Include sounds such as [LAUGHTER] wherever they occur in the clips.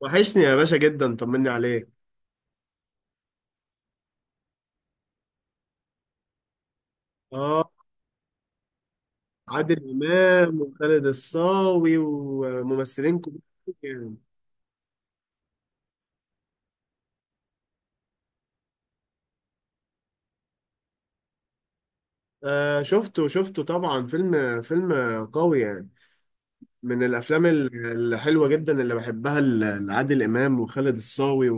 وحشني يا باشا جدا، طمني عليك. اه. عادل امام وخالد الصاوي وممثلين كبار. يعني آه شفته شفته طبعا، فيلم قوي يعني. من الافلام الحلوه جدا اللي بحبها لعادل امام وخالد الصاوي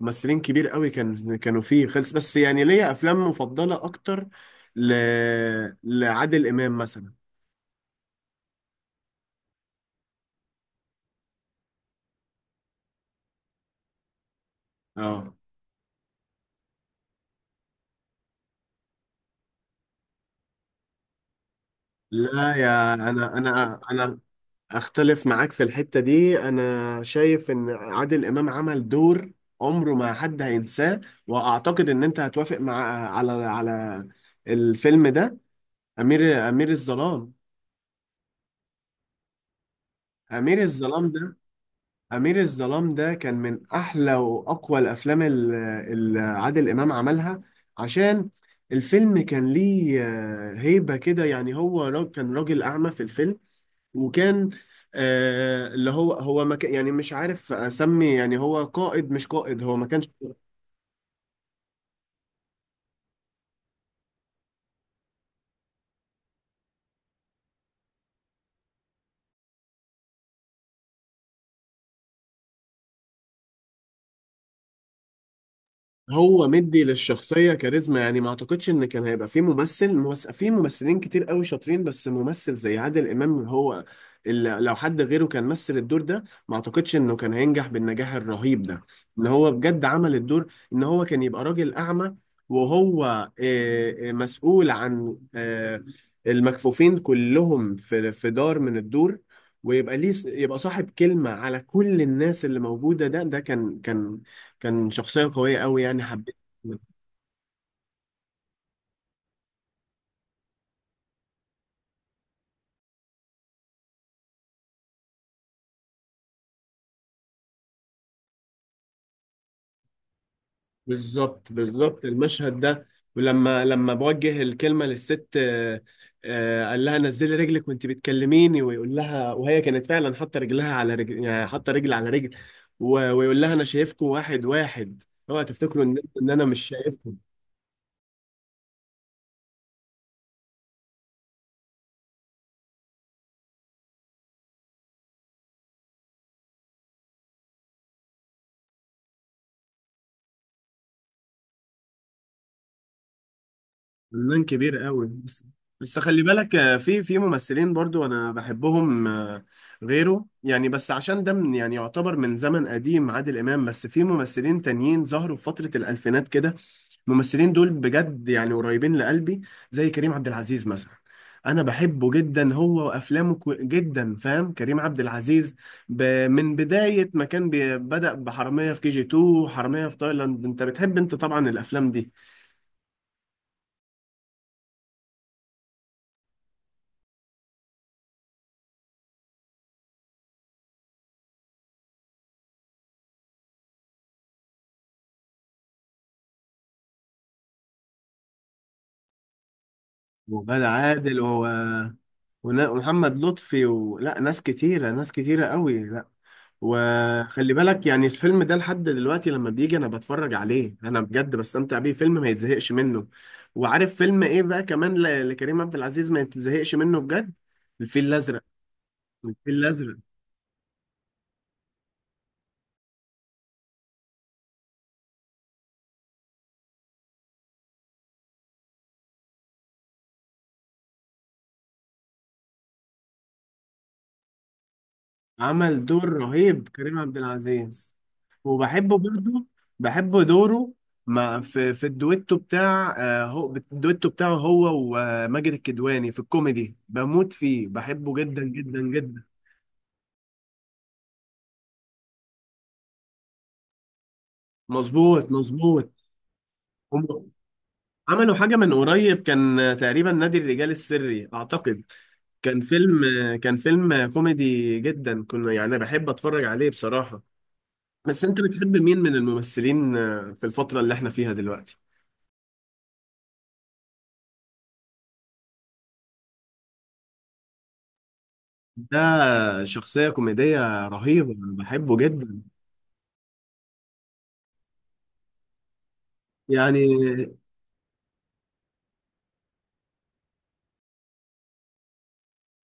وممثلين كبير قوي، كانوا فيه خلص، بس يعني ليا افلام مفضله اكتر ل... لعادل امام مثلا. اه. لا يا انا اختلف معاك في الحتة دي، انا شايف ان عادل امام عمل دور عمره ما حد هينساه، واعتقد ان انت هتوافق مع على الفيلم ده. امير الظلام. امير الظلام ده، امير الظلام ده كان من احلى واقوى الافلام اللي عادل امام عملها، عشان الفيلم كان ليه هيبة كده يعني، هو كان راجل اعمى في الفيلم، وكان اللي هو ما كان يعني، مش عارف اسمي، يعني هو قائد مش قائد، هو ما كانش. هو مدي للشخصية كاريزما يعني، ما اعتقدش ان كان هيبقى في في ممثلين كتير قوي شاطرين، بس ممثل زي عادل امام هو اللي لو حد غيره كان مثل الدور ده ما اعتقدش انه كان هينجح بالنجاح الرهيب ده. ان هو بجد عمل الدور، ان هو كان يبقى راجل اعمى وهو مسؤول عن المكفوفين كلهم في دار من الدور، ويبقى ليه يبقى صاحب كلمة على كل الناس اللي موجودة. ده كان كان شخصية قوية قوي يعني، حبيت. بالظبط بالظبط، المشهد ده. ولما بوجه الكلمة للست، قال لها نزلي رجلك وانت بتكلميني، ويقول لها، وهي كانت فعلا حاطة رجلها على رجل، يعني حاطة رجل على رجل، ويقول لها انا شايفكم واحد واحد، اوعى تفتكروا ان ان انا مش شايفكم. فنان كبير قوي بس. بس خلي بالك في ممثلين برضو انا بحبهم غيره يعني، بس عشان ده من يعني يعتبر من زمن قديم عادل امام، بس في ممثلين تانيين ظهروا في فترة الالفينات كده. الممثلين دول بجد يعني قريبين لقلبي، زي كريم عبد العزيز مثلا. انا بحبه جدا هو وافلامه، جدا فاهم كريم عبد العزيز ب... من بداية ما كان بدأ بحرامية في كي جي 2 وحرامية في تايلاند. انت بتحب انت طبعا الافلام دي. وغادة عادل ومحمد لطفي، ولا ناس ناس كتيرة قوي، لا. وخلي بالك يعني الفيلم ده لحد دلوقتي لما بيجي انا بتفرج عليه انا بجد بستمتع بيه، فيلم ما يتزهقش منه. وعارف فيلم ايه بقى كمان لكريم عبد العزيز ما يتزهقش منه بجد؟ الفيل الازرق. الفيل الازرق، عمل دور رهيب كريم عبد العزيز. وبحبه برضه، بحب دوره مع في في الدويتو بتاع، هو الدويتو بتاعه هو وماجد الكدواني في الكوميدي، بموت فيه، بحبه جدا جدا جدا. مظبوط مظبوط. هم عملوا حاجة من قريب كان، تقريبا نادي الرجال السري أعتقد. كان فيلم كوميدي جدا، كنا يعني بحب أتفرج عليه بصراحة. بس أنت بتحب مين من الممثلين في الفترة اللي احنا فيها دلوقتي؟ ده شخصية كوميدية رهيبة، أنا بحبه جدا. يعني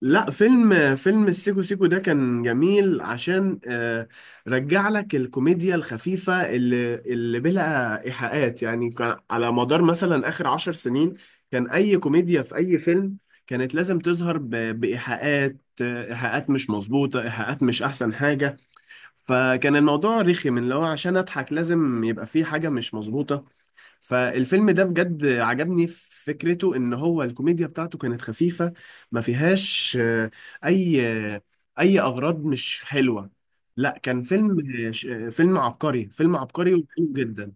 لا، فيلم السيكو سيكو ده كان جميل، عشان رجع لك الكوميديا الخفيفة اللي بلا إيحاءات يعني. كان على مدار مثلا آخر عشر سنين كان أي كوميديا في أي فيلم كانت لازم تظهر بإيحاءات، إيحاءات مش مظبوطة، إيحاءات مش أحسن حاجة. فكان الموضوع رخي، من لو عشان أضحك لازم يبقى فيه حاجة مش مظبوطة. فالفيلم ده بجد عجبني في فكرته، ان هو الكوميديا بتاعته كانت خفيفة، ما فيهاش اي آه، اي اغراض مش حلوة. لا كان فيلم فيلم عبقري وحلو جدا.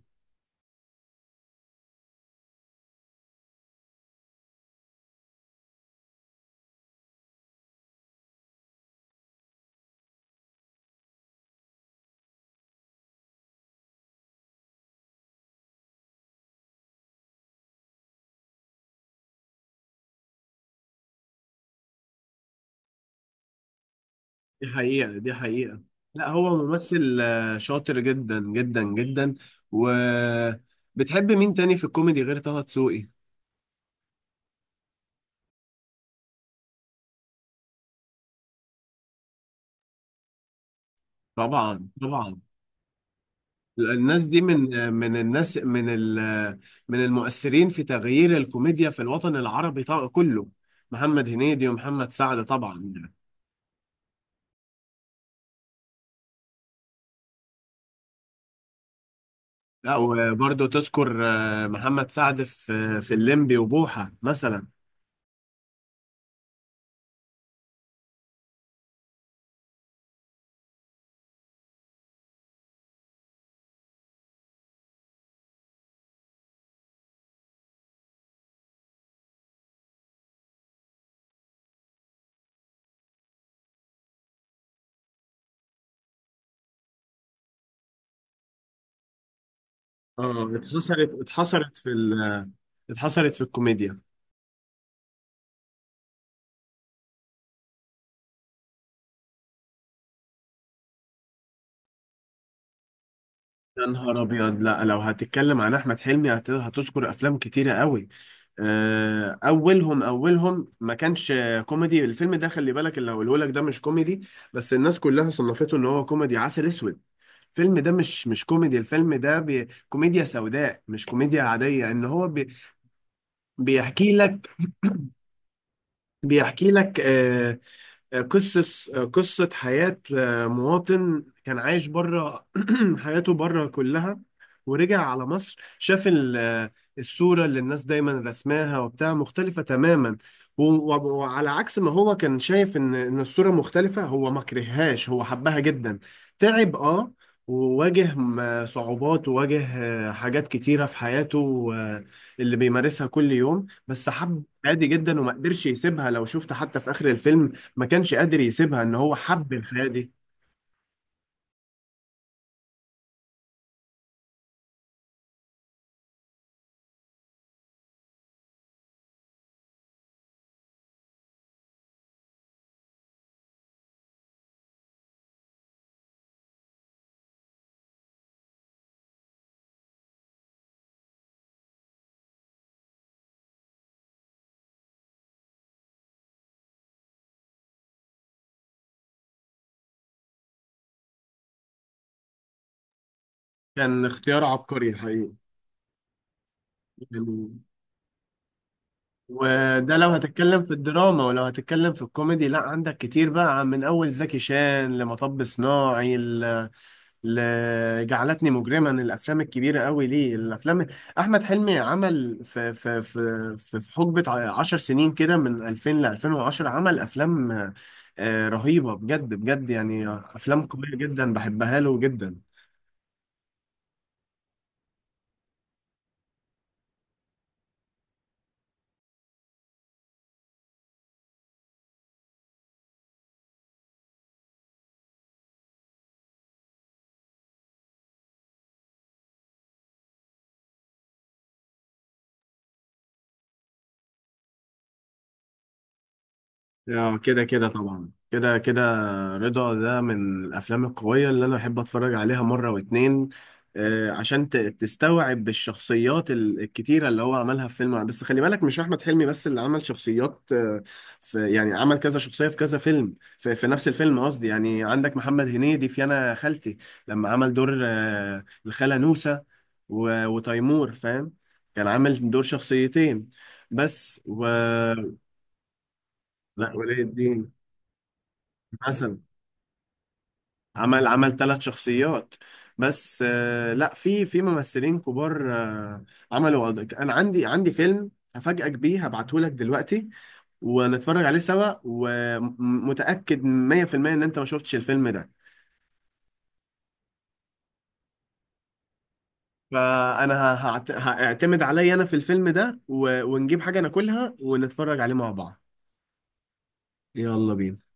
دي حقيقة دي حقيقة. لا هو ممثل شاطر جدا جدا جدا. وبتحب مين تاني في الكوميدي غير طه دسوقي؟ طبعا طبعا. الناس دي من من المؤثرين في تغيير الكوميديا في الوطن العربي طبعا كله، محمد هنيدي ومحمد سعد طبعا. لا وبرضه تذكر محمد سعد في الليمبي وبوحة مثلا. اه اتحصرت، اتحصرت في الكوميديا. يا نهار ابيض، لا لو هتتكلم عن احمد حلمي هتذكر افلام كتيره قوي. اولهم ما كانش كوميدي، الفيلم ده خلي بالك اللي هقوله لك ده مش كوميدي، بس الناس كلها صنفته ان هو كوميدي. عسل اسود، الفيلم ده مش كوميدي، الفيلم ده بي كوميديا سوداء مش كوميديا عاديه، ان هو بي بيحكي لك بيحكي لك قصة، قصة حياة مواطن كان عايش بره، [CLEARS THROAT] حياته بره كلها، ورجع على مصر شاف الصورة اللي الناس دايما رسماها وبتاع مختلفة تماما. و- وعلى عكس ما هو كان شايف ان ان الصورة مختلفة هو ما كرههاش، هو حبها جدا. تعب اه، وواجه صعوبات، وواجه حاجات كتيرة في حياته اللي بيمارسها كل يوم، بس حب عادي جدا وما قدرش يسيبها. لو شفت حتى في آخر الفيلم، ما كانش قادر يسيبها، ان هو حب الحياة دي. كان اختيار عبقري الحقيقة. يعني وده لو هتتكلم في الدراما، ولو هتتكلم في الكوميدي، لا عندك كتير بقى، من اول زكي شان لمطب صناعي لجعلتني مجرما. الافلام الكبيرة قوي، ليه الافلام، احمد حلمي عمل في في في في في حقبة 10 سنين كده، من 2000 ل 2010 عمل افلام رهيبة بجد بجد يعني، افلام قوية جدا بحبها له جدا. اه كده كده طبعا، كده كده رضا ده من الافلام القويه اللي انا بحب اتفرج عليها مره واتنين، عشان تستوعب الشخصيات الكتيره اللي هو عملها في فيلم. بس خلي بالك مش احمد حلمي بس اللي عمل شخصيات، آه، في يعني عمل كذا شخصيه في كذا فيلم، في نفس الفيلم قصدي. يعني عندك محمد هنيدي في انا خالتي، لما عمل دور الخاله نوسه وتيمور فاهم، كان عامل دور 2 بس. لا ولي الدين مثلا عمل 3 شخصيات بس. آه لا في في ممثلين كبار آه عملوا انا عندي فيلم هفاجئك بيه، هبعته لك دلوقتي ونتفرج عليه سوا، ومتأكد 100% ان انت ما شفتش الفيلم ده. فانا هعتمد عليا انا في الفيلم ده، ونجيب حاجة ناكلها ونتفرج عليه مع بعض. يلا بينا.